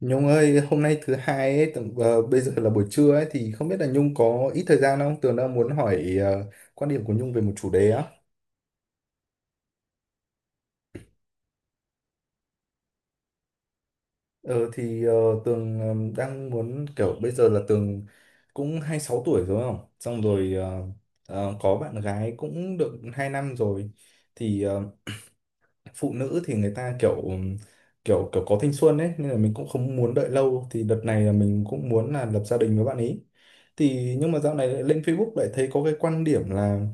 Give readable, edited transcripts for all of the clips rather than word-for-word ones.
Nhung ơi, hôm nay thứ hai ấy, tầm, bây giờ là buổi trưa ấy thì không biết là Nhung có ít thời gian không? Tường đang muốn hỏi quan điểm của Nhung về một chủ đề á. Ờ thì ờ, Tường đang muốn kiểu bây giờ là Tường cũng 26 tuổi rồi không? Xong rồi có bạn gái cũng được 2 năm rồi. Thì phụ nữ thì người ta kiểu kiểu kiểu có thanh xuân ấy nên là mình cũng không muốn đợi lâu thì đợt này là mình cũng muốn là lập gia đình với bạn ấy. Thì nhưng mà dạo này lại lên Facebook lại thấy có cái quan điểm là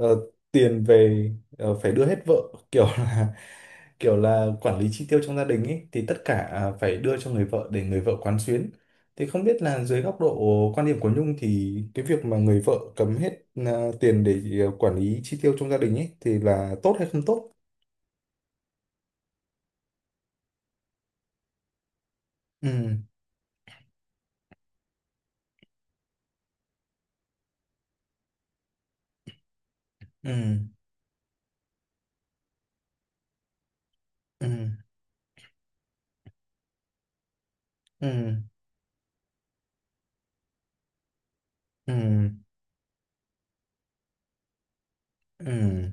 Ờ, tiền về phải đưa hết vợ kiểu là kiểu là quản lý chi tiêu trong gia đình ấy thì tất cả à, phải đưa cho người vợ để người vợ quán xuyến thì không biết là dưới góc độ quan điểm của Nhung thì cái việc mà người vợ cấm hết à, tiền để à, quản lý chi tiêu trong gia đình ấy thì là tốt hay không tốt. Ừ, ừ, ừ, ừ, ừ, ừ,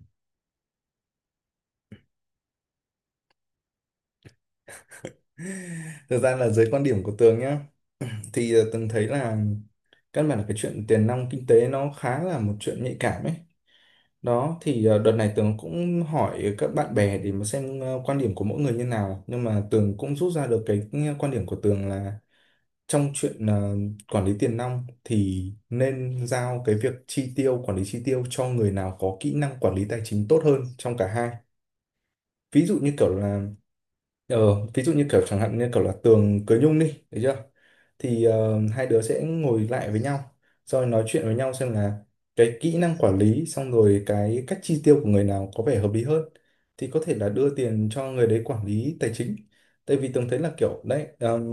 thực ra là dưới quan điểm của Tường nhá thì từng thấy là căn bản là cái chuyện tiền nong kinh tế nó khá là một chuyện nhạy cảm ấy. Đó thì đợt này Tường cũng hỏi các bạn bè để mà xem quan điểm của mỗi người như nào nhưng mà Tường cũng rút ra được cái ừ, quan điểm của Tường là trong chuyện quản lý tiền nong thì nên giao cái việc chi tiêu quản lý chi tiêu cho người nào có kỹ năng quản lý tài chính tốt hơn trong cả hai, ví dụ như kiểu là Ờ, ví dụ như kiểu chẳng hạn như kiểu là Tường cưới Nhung đi, thấy chưa? Thì hai đứa sẽ ngồi lại với nhau, rồi nói chuyện với nhau xem là cái kỹ năng quản lý xong rồi cái cách chi tiêu của người nào có vẻ hợp lý hơn. Thì có thể là đưa tiền cho người đấy quản lý tài chính. Tại vì Tường thấy là kiểu đấy,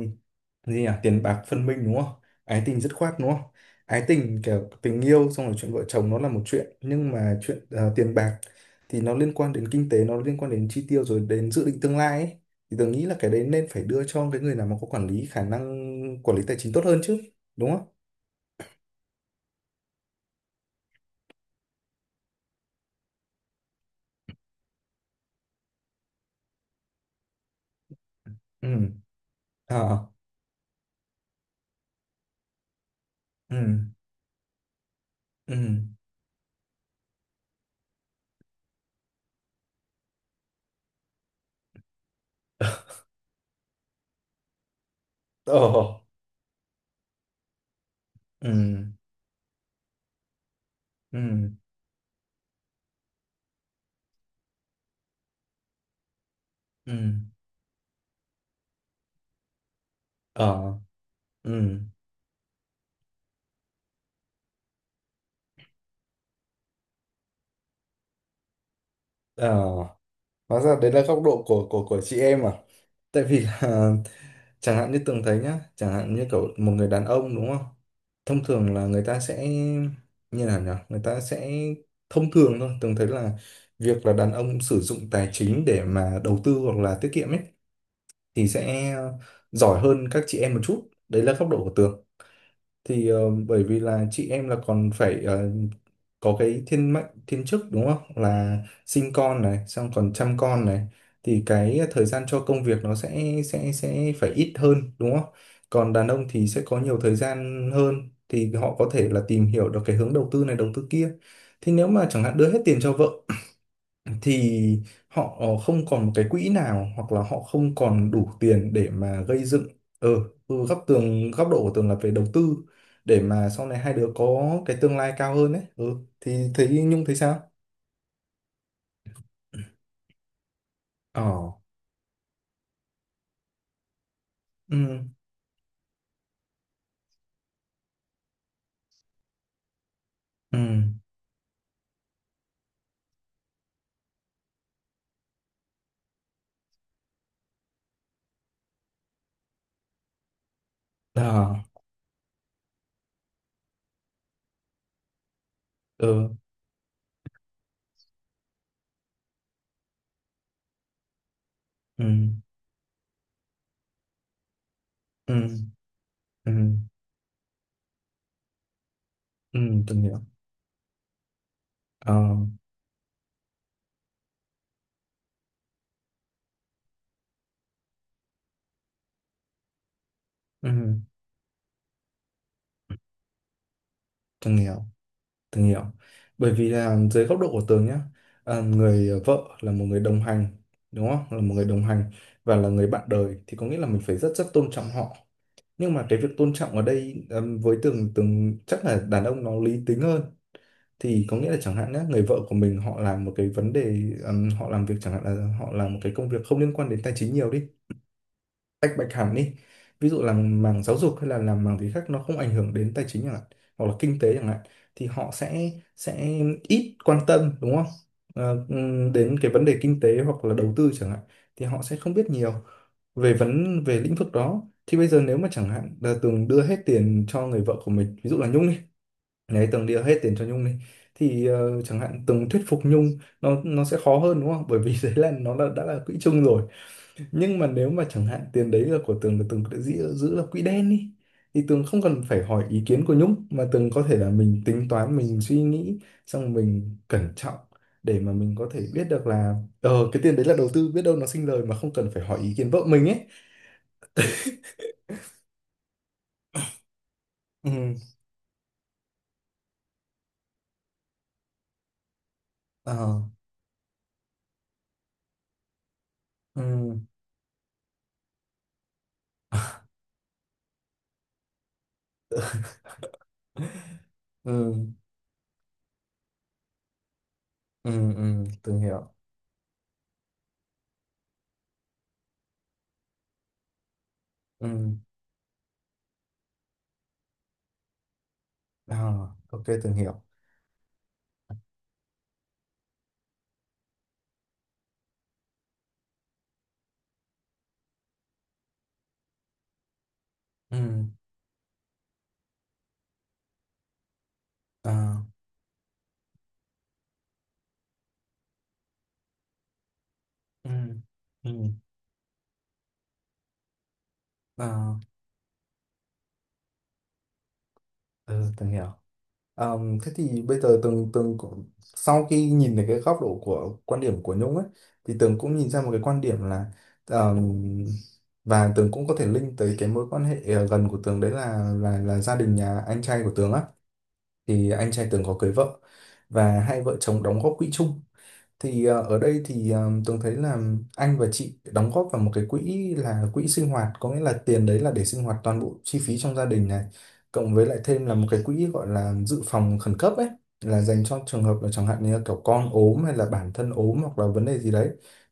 gì nhỉ? Tiền bạc phân minh đúng không? Ái tình dứt khoát đúng không? Ái tình kiểu tình yêu xong rồi chuyện vợ chồng nó là một chuyện, nhưng mà chuyện tiền bạc thì nó liên quan đến kinh tế, nó liên quan đến chi tiêu rồi đến dự định tương lai ấy thì tớ nghĩ là cái đấy nên phải đưa cho cái người nào mà có quản lý khả năng quản lý tài chính tốt hơn chứ, đúng không? Ừ, ờ, ừ, ừ, ờ, ừ, ừ, ừ, ờ, ừ, ờ. Hóa ra đấy là góc độ của của chị em à? Tại vì là chẳng hạn như Tường thấy nhá, chẳng hạn như kiểu một người đàn ông đúng không? Thông thường là người ta sẽ như nào nhỉ? Người ta sẽ thông thường thôi, Tường thấy là việc là đàn ông sử dụng tài chính để mà đầu tư hoặc là tiết kiệm ấy thì sẽ giỏi hơn các chị em một chút. Đấy là góc độ của Tường. Thì bởi vì là chị em là còn phải có cái thiên mệnh thiên chức đúng không, là sinh con này xong còn chăm con này thì cái thời gian cho công việc nó sẽ phải ít hơn đúng không, còn đàn ông thì sẽ có nhiều thời gian hơn thì họ có thể là tìm hiểu được cái hướng đầu tư này đầu tư kia thì nếu mà chẳng hạn đưa hết tiền cho vợ thì họ không còn một cái quỹ nào hoặc là họ không còn đủ tiền để mà gây dựng. ờ ừ, góc tường góc độ của tường là về đầu tư để mà sau này hai đứa có cái tương lai cao hơn đấy. Ừ, thì thấy Nhung thấy sao? Ờ, ừ, ừ, ờ, ừ, ừ, ừ, ừ, ừ, từng hiểu. Ờ, ừ, từng hiểu. Tường hiểu. Bởi vì là dưới góc độ của Tường nhá, à, người vợ là một người đồng hành, đúng không? Là một người đồng hành và là người bạn đời thì có nghĩa là mình phải rất rất tôn trọng họ. Nhưng mà cái việc tôn trọng ở đây với Tường Tường chắc là đàn ông nó lý tính hơn. Thì có nghĩa là chẳng hạn nhé người vợ của mình họ làm một cái vấn đề, họ làm việc chẳng hạn là họ làm một cái công việc không liên quan đến tài chính nhiều đi, tách bạch hẳn đi, ví dụ là mảng giáo dục hay là làm mảng gì khác nó không ảnh hưởng đến tài chính chẳng hạn hoặc là kinh tế chẳng hạn thì họ sẽ ít quan tâm đúng không? Đến cái vấn đề kinh tế hoặc là đầu tư chẳng hạn thì họ sẽ không biết nhiều về vấn về lĩnh vực đó thì bây giờ nếu mà chẳng hạn là Tường đưa hết tiền cho người vợ của mình ví dụ là Nhung đi, đấy Tường đưa hết tiền cho Nhung đi thì chẳng hạn Tường thuyết phục Nhung nó sẽ khó hơn đúng không bởi vì đấy là nó là đã là quỹ chung rồi, nhưng mà nếu mà chẳng hạn tiền đấy là của Tường là Tường đã giữ là quỹ đen đi thì Tường không cần phải hỏi ý kiến của Nhung mà Tường có thể là mình tính toán mình suy nghĩ xong mình cẩn trọng để mà mình có thể biết được là cái tiền đấy là đầu tư biết đâu nó sinh lời mà không cần phải hỏi ý kiến vợ mình ấy. Ừ, ờ, ừ, ừ, ừ, ừ, Tường hiểu. Ừ, ờ, ok Tường hiểu. Ừ, ờ, ừ, ừ, ờ, ừ, Tường hiểu. À, thế thì bây giờ Tường Tường cũng- sau khi nhìn được cái góc độ của quan điểm của Nhung ấy thì Tường cũng nhìn ra một cái quan điểm là ờm, và Tường cũng có thể link tới cái mối quan hệ gần của Tường đấy là là gia đình nhà anh trai của Tường á thì anh trai Tường có cưới vợ và hai vợ chồng đóng góp quỹ chung thì ở đây thì Tường thấy là anh và chị đóng góp vào một cái quỹ là quỹ sinh hoạt, có nghĩa là tiền đấy là để sinh hoạt toàn bộ chi phí trong gia đình này, cộng với lại thêm là một cái quỹ gọi là dự phòng khẩn cấp ấy, là dành cho trường hợp là chẳng hạn như là kiểu con ốm hay là bản thân ốm hoặc là vấn đề gì đấy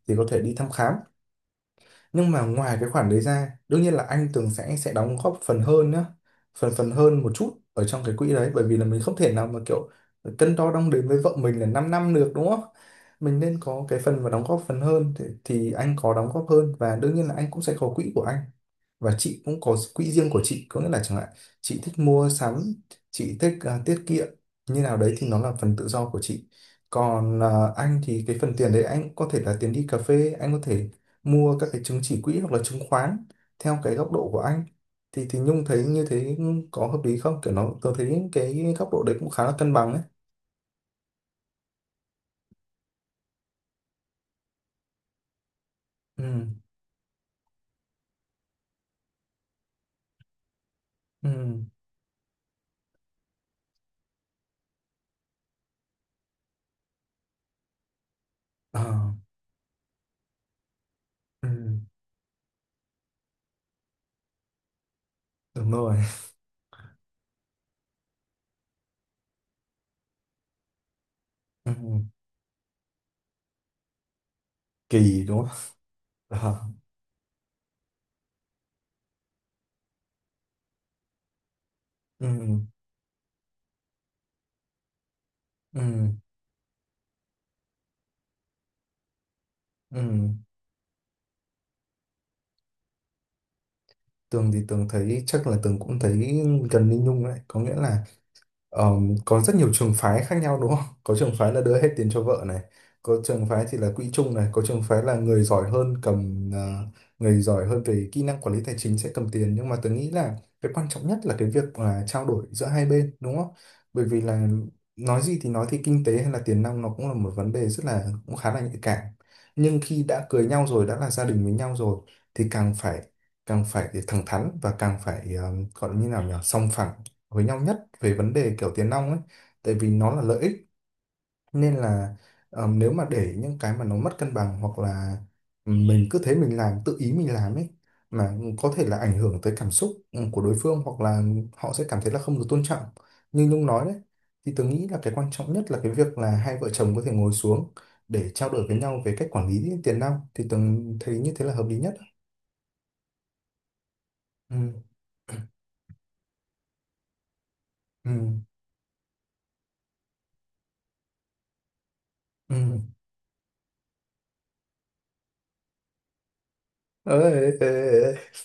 thì có thể đi thăm khám, nhưng mà ngoài cái khoản đấy ra đương nhiên là anh Tường sẽ đóng góp phần hơn nhá, phần phần hơn một chút ở trong cái quỹ đấy bởi vì là mình không thể nào mà kiểu cân đo đong đếm với vợ mình là 5 năm năm được đúng không, mình nên có cái phần và đóng góp phần hơn thì anh có đóng góp hơn và đương nhiên là anh cũng sẽ có quỹ của anh và chị cũng có quỹ riêng của chị có nghĩa là chẳng hạn chị thích mua sắm, chị thích à, tiết kiệm như nào đấy thì nó là phần tự do của chị, còn à, anh thì cái phần tiền đấy anh có thể là tiền đi cà phê, anh có thể mua các cái chứng chỉ quỹ hoặc là chứng khoán theo cái góc độ của anh. Thì Nhung thấy như thế có hợp lý không, kiểu nó tôi thấy cái góc độ đấy cũng khá là cân bằng ấy. Ừ, ừ, ờ, ừ, đúng rồi ừ. Kỳ đúng không Ờ, ừ, ừ, ừ. Tường thì Tường thấy chắc là Tường cũng thấy gần như Nhung đấy có nghĩa là Ờ, có rất nhiều trường phái khác nhau đúng không? Có trường phái là đưa hết tiền cho vợ này, có trường phái thì là quỹ chung này, có trường phái là người giỏi hơn cầm người giỏi hơn về kỹ năng quản lý tài chính sẽ cầm tiền, nhưng mà tôi nghĩ là cái quan trọng nhất là cái việc là trao đổi giữa hai bên đúng không? Bởi vì là nói gì thì nói thì kinh tế hay là tiền nong nó cũng là một vấn đề rất là cũng khá là nhạy cảm. Nhưng khi đã cưới nhau rồi, đã là gia đình với nhau rồi thì càng phải thẳng thắn và càng phải gọi như nào nhỉ? Sòng phẳng với nhau nhất về vấn đề kiểu tiền nong ấy, tại vì nó là lợi ích, nên là nếu mà để những cái mà nó mất cân bằng hoặc là ừ, mình cứ thế mình làm tự ý mình làm ấy mà có thể là ảnh hưởng tới cảm xúc ừ, của đối phương hoặc là họ sẽ cảm thấy là không được tôn trọng như Nhung nói đấy, thì tôi nghĩ là cái quan trọng nhất là cái việc là hai vợ chồng có thể ngồi xuống để trao đổi với nhau về cách quản lý tiền nong thì tôi thấy như thế là hợp lý nhất. Ừ. Ừ. Ừ. Ê, ê, ê. Ê.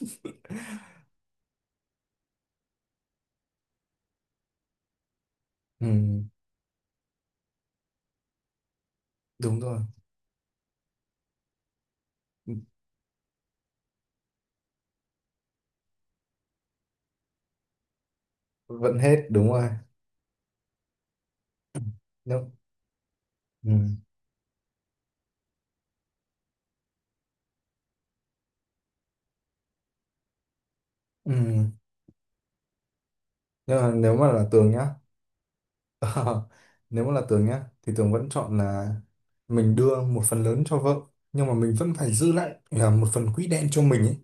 Ừ. Đúng rồi, vẫn hết đúng rồi. Nếu ừ. Ừ. Nhưng mà nếu mà là tường nhá ờ, nếu mà là tường nhá thì tường vẫn chọn là mình đưa một phần lớn cho vợ nhưng mà mình vẫn phải giữ lại là một phần quỹ đen cho mình ấy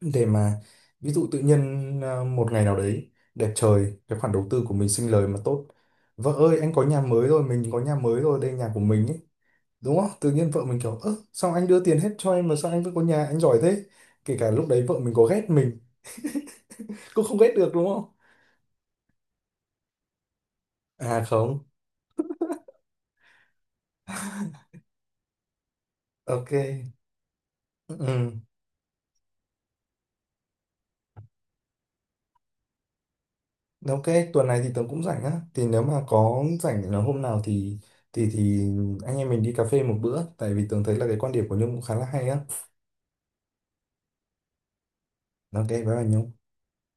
để mà ví dụ tự nhiên à, một ngày nào đấy đẹp trời cái khoản đầu tư của mình sinh lời mà tốt, vợ ơi anh có nhà mới rồi mình có nhà mới rồi đây nhà của mình ấy, đúng không tự nhiên vợ mình kiểu ơ sao anh đưa tiền hết cho em mà sao anh vẫn có nhà anh giỏi thế, kể cả lúc đấy vợ mình có ghét mình cũng không ghét được đúng không. À không, ok. Ừ, ừ. Ok, tuần này thì tớ cũng rảnh á. Thì nếu mà có rảnh là hôm nào thì thì anh em mình đi cà phê một bữa. Tại vì tớ thấy là cái quan điểm của Nhung cũng khá là hay á. Ok, bye bye Nhung.